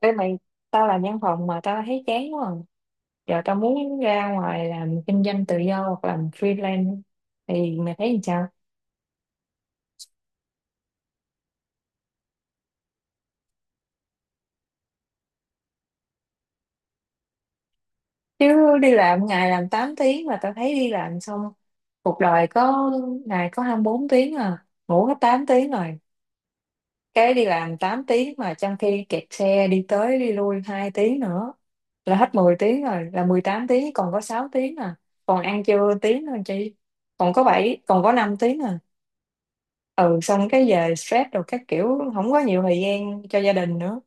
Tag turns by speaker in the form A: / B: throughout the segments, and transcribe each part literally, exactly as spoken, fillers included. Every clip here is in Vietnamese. A: Ê mày, tao làm văn phòng mà tao thấy chán quá à. Giờ tao muốn ra ngoài làm kinh doanh tự do hoặc làm freelance thì mày thấy làm sao? Chứ đi làm ngày làm tám tiếng mà tao thấy đi làm xong cuộc đời có ngày có hai mươi bốn tiếng à, ngủ hết tám tiếng rồi. Cái đi làm tám tiếng mà trong khi kẹt xe đi tới đi lui hai tiếng nữa là hết mười tiếng rồi, là mười tám tiếng còn có sáu tiếng à. Còn ăn trưa tiếng thôi chị. Còn có bảy còn có năm tiếng à. ừ Xong cái về stress rồi các kiểu, không có nhiều thời gian cho gia đình nữa,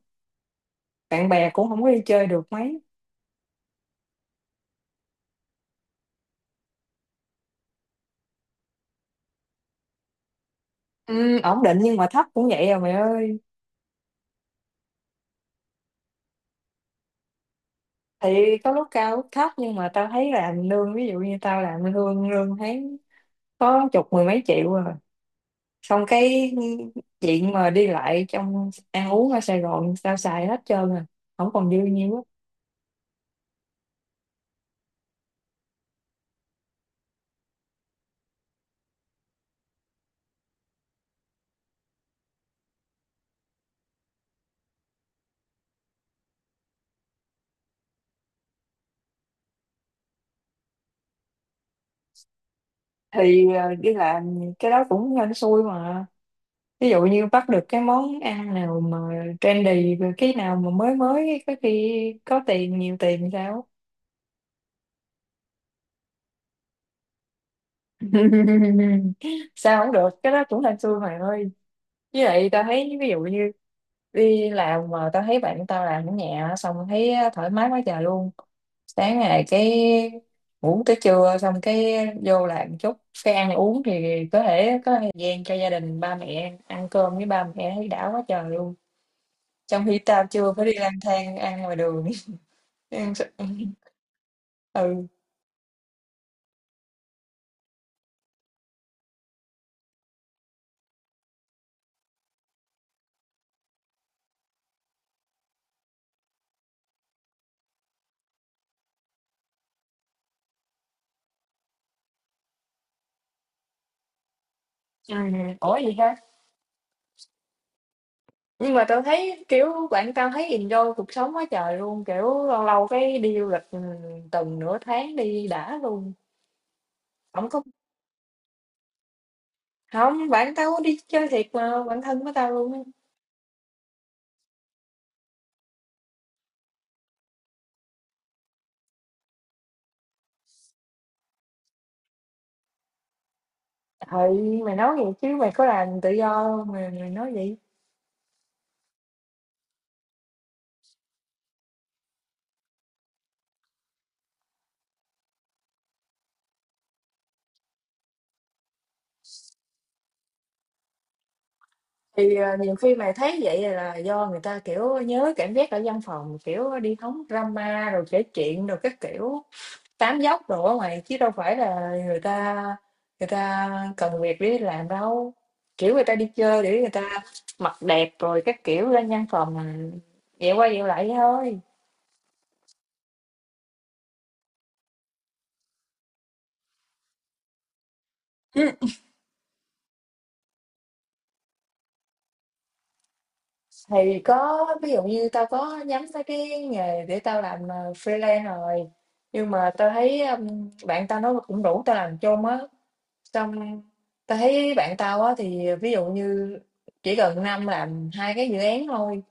A: bạn bè cũng không có đi chơi được mấy. ừ, Ổn định nhưng mà thấp cũng vậy à mày ơi. Thì có lúc cao lúc thấp, nhưng mà tao thấy làm lương, ví dụ như tao làm lương lương tháng có chục mười mấy triệu rồi, xong cái chuyện mà đi lại, trong ăn uống ở Sài Gòn tao xài hết trơn à, không còn dư nhiêu á. Thì ờ, đi làm cái đó cũng hên xui mà. Ví dụ như bắt được cái món ăn nào mà trendy rồi, cái nào mà mới mới có khi có tiền, nhiều tiền sao. Sao không được, cái đó cũng hên xui mày ơi. Với lại tao thấy, ví dụ như đi làm mà tao thấy bạn tao làm ở nhà, xong thấy thoải mái quá trời luôn. Sáng ngày cái ngủ tới trưa, xong cái vô làm chút, cái ăn uống thì có thể có thời gian cho gia đình, ba mẹ ăn cơm với ba mẹ thấy đã quá trời luôn. Trong khi tao chưa có, đi lang thang ăn ngoài đường. Em sẽ ừ, ừ, ừm, ủa gì ha? Nhưng mà tao thấy, kiểu, bạn tao thấy enjoy cuộc sống quá trời luôn, kiểu, lâu lâu cái đi du lịch, ừm, tuần nửa tháng đi đã luôn. Không có, không. Bạn tao có đi chơi thiệt mà, bạn thân của tao luôn á. Ừ, mày nói vậy chứ mày có làm tự do hông mà mày nói vậy? Thì, ờ, nhiều khi mày thấy vậy là do người ta, kiểu, nhớ cảm giác ở văn phòng, kiểu, đi hóng drama rồi kể chuyện rồi các kiểu. Tám dốc đồ ở ngoài, chứ đâu phải là người ta người ta cần việc để đi làm đâu. Kiểu người ta đi chơi để người ta mặc đẹp rồi các kiểu, ra văn phòng dẹo qua dẹo lại vậy thôi. Ừ. Thì có, ví dụ như tao có nhắm tới cái nghề để tao làm, ờ, freelance rồi. Nhưng mà tao thấy, um, bạn tao nó cũng rủ tao làm chung á, xong tao thấy bạn tao á thì ví dụ như chỉ cần năm làm hai cái dự án thôi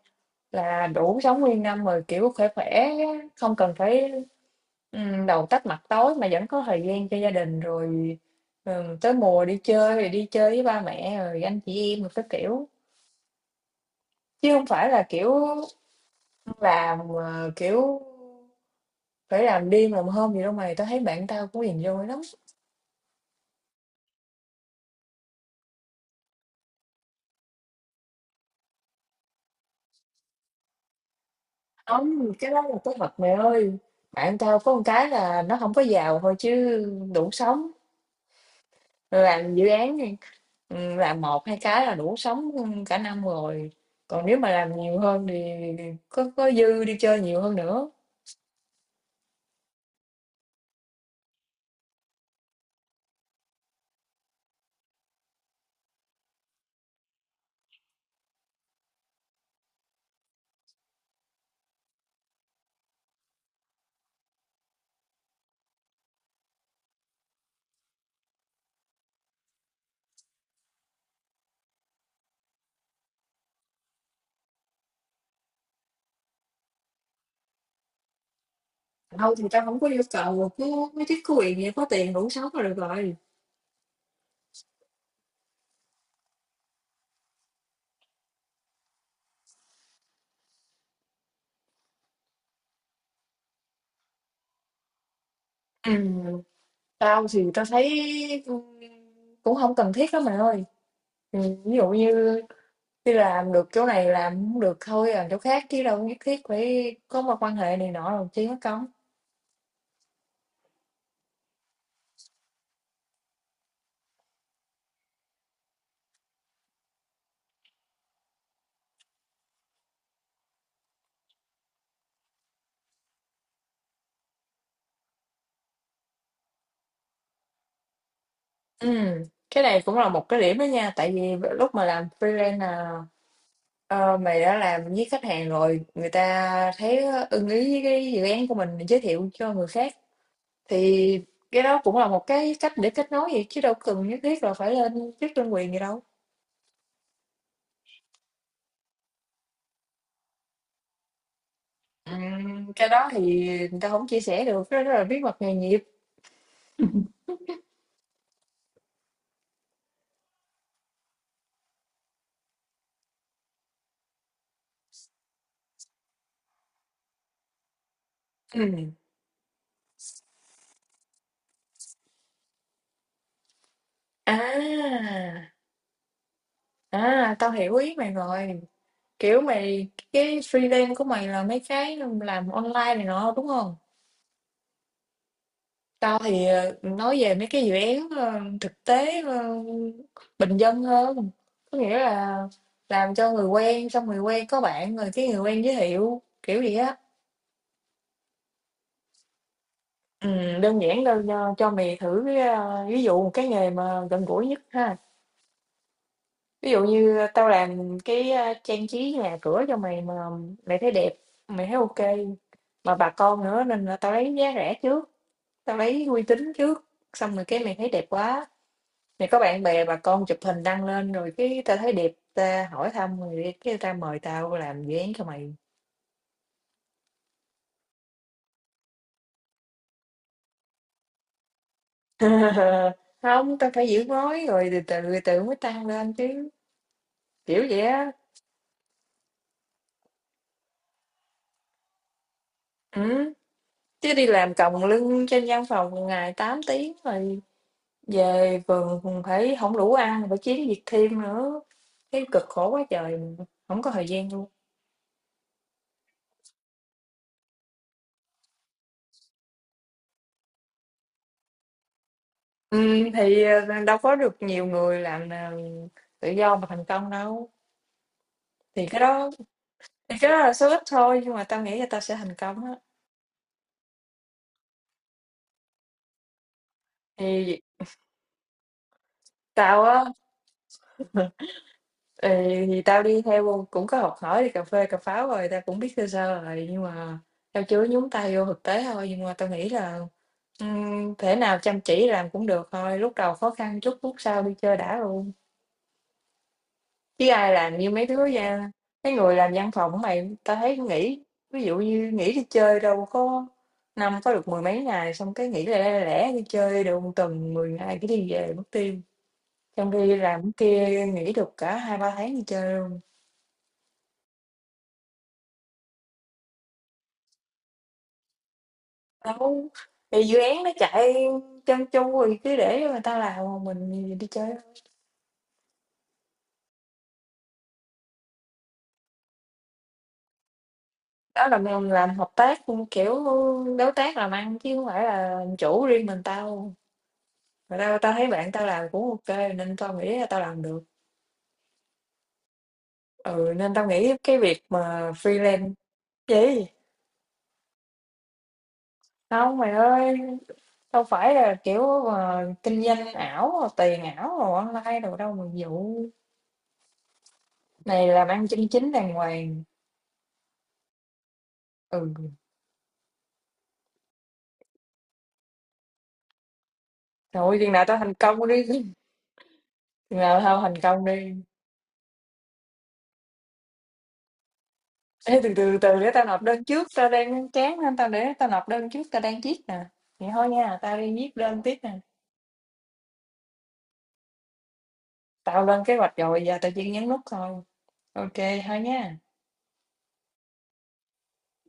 A: là đủ sống nguyên năm rồi, kiểu khỏe khỏe, không cần phải ừm, đầu tách mặt tối, mà vẫn có thời gian cho gia đình rồi. Ừm, tới mùa đi chơi thì đi chơi với ba mẹ rồi anh chị em rồi các kiểu, chứ không phải là kiểu làm, ờ, kiểu phải làm đêm làm hôm gì đâu mày. Tao thấy bạn tao cũng hiền vô lắm. Không, cái đó là cái thật mày ơi. Bạn tao có một cái là nó không có giàu thôi, chứ đủ sống. Làm dự án, ừ, làm một hai cái là đủ sống cả năm rồi. Còn nếu mà làm nhiều hơn thì có có dư đi chơi nhiều hơn nữa. Thôi thì tao không có yêu cầu cứ mấy cái quyền gì, có tiền đủ sống là được rồi. Ừ. Tao thì tao thấy cũng không cần thiết lắm mày ơi. Ừ, ví dụ như đi làm được chỗ này, làm không được thôi làm chỗ khác, chứ đâu nhất thiết phải có một quan hệ này nọ rồi chứ có công. Ừ. Cái này cũng là một cái điểm đó nha, tại vì lúc mà làm freelance là, ờ, mày đã làm với khách hàng rồi, người ta thấy ưng ý với cái dự án của mình mình giới thiệu cho người khác, thì cái đó cũng là một cái cách để kết nối, vậy chứ đâu cần nhất thiết là phải lên chức đơn quyền gì đâu. Ừm, cái đó thì người ta không chia sẻ được, cái đó là bí mật nghề nghiệp. Ừm. À, à, tao hiểu ý mày rồi. Kiểu mày, cái freelance của mày là mấy cái làm online này nọ đúng không? Tao thì ờ, nói về mấy cái dự án, ờ, thực tế, ờ, bình dân hơn. Có nghĩa là làm cho người quen, xong người quen có bạn rồi cái người quen giới thiệu kiểu gì á. Ừ, đơn giản đâu, cho, cho mày thử cái, ờ, ví dụ một cái nghề mà gần gũi nhất ha. Ví dụ như tao làm cái, ờ, trang trí nhà cửa cho mày. Mà mày thấy đẹp, mày thấy ok, mà bà con nữa nên là tao lấy giá rẻ trước, tao lấy uy tín trước. Xong rồi cái mày thấy đẹp quá này, có bạn bè bà con chụp hình đăng lên, rồi cái tao thấy đẹp, ta hỏi thăm rồi đi, cái ta mời tao làm dự án cho mày. Không, tao phải giữ mối rồi từ từ từ mới tăng lên chứ, kiểu vậy á. Ừ. Chứ đi làm còng lưng trên văn phòng ngày tám tiếng rồi, về vườn phải không đủ ăn, phải kiếm việc thêm nữa, cái cực khổ quá trời, không có thời gian luôn. Ừ, thì ờ, đâu có được nhiều người làm ờ, tự do mà thành công đâu. thì cái đó Thì cái đó là số ít thôi, nhưng mà tao nghĩ là tao sẽ thành công á. Thì tao á, ừ, thì tao đi theo cũng có học hỏi, đi cà phê cà pháo rồi, tao cũng biết sơ sơ rồi, nhưng mà tao chưa nhúng tay vô thực tế thôi. Nhưng mà tao nghĩ là ừm, thể nào chăm chỉ làm cũng được thôi, lúc đầu khó khăn chút, lúc sau đi chơi đã luôn. Chứ ai làm như mấy đứa ra, mấy người làm văn phòng mày, tao thấy nghỉ, ví dụ như nghỉ đi chơi đâu có, năm có được mười mấy ngày, xong cái nghỉ lẻ lẻ lẻ đi chơi được một tuần mười ngày cái đi về mất tiêu. Trong khi làm cái kia nghỉ được cả hai ba tháng đi chơi luôn. Đâu, thì dự án nó chạy chân chu rồi cứ để người ta làm, còn mình đi chơi. Đó là mình làm hợp tác, kiểu đối tác làm ăn chứ không phải là làm chủ riêng mình tao. Mà tao tao thấy bạn tao làm cũng ok nên tao nghĩ là tao làm được. Ừ, nên tao nghĩ cái việc mà freelance gì không mày ơi, đâu phải là kiểu mà kinh doanh ảo, tiền ảo rồi online đồ đâu mà vụ, này làm ăn chân chính đàng hoàng. Ừ, thôi chừng nào tao thành công đi chừng nào tao thành công đi. Ê, từ từ từ để tao nộp đơn trước, tao đang chán nên tao để tao nộp đơn trước, tao đang viết nè. Vậy thôi nha, tao đi viết đơn tiếp nè. Tao lên kế hoạch rồi, giờ tao chỉ nhấn nút thôi. Ok, thôi nha.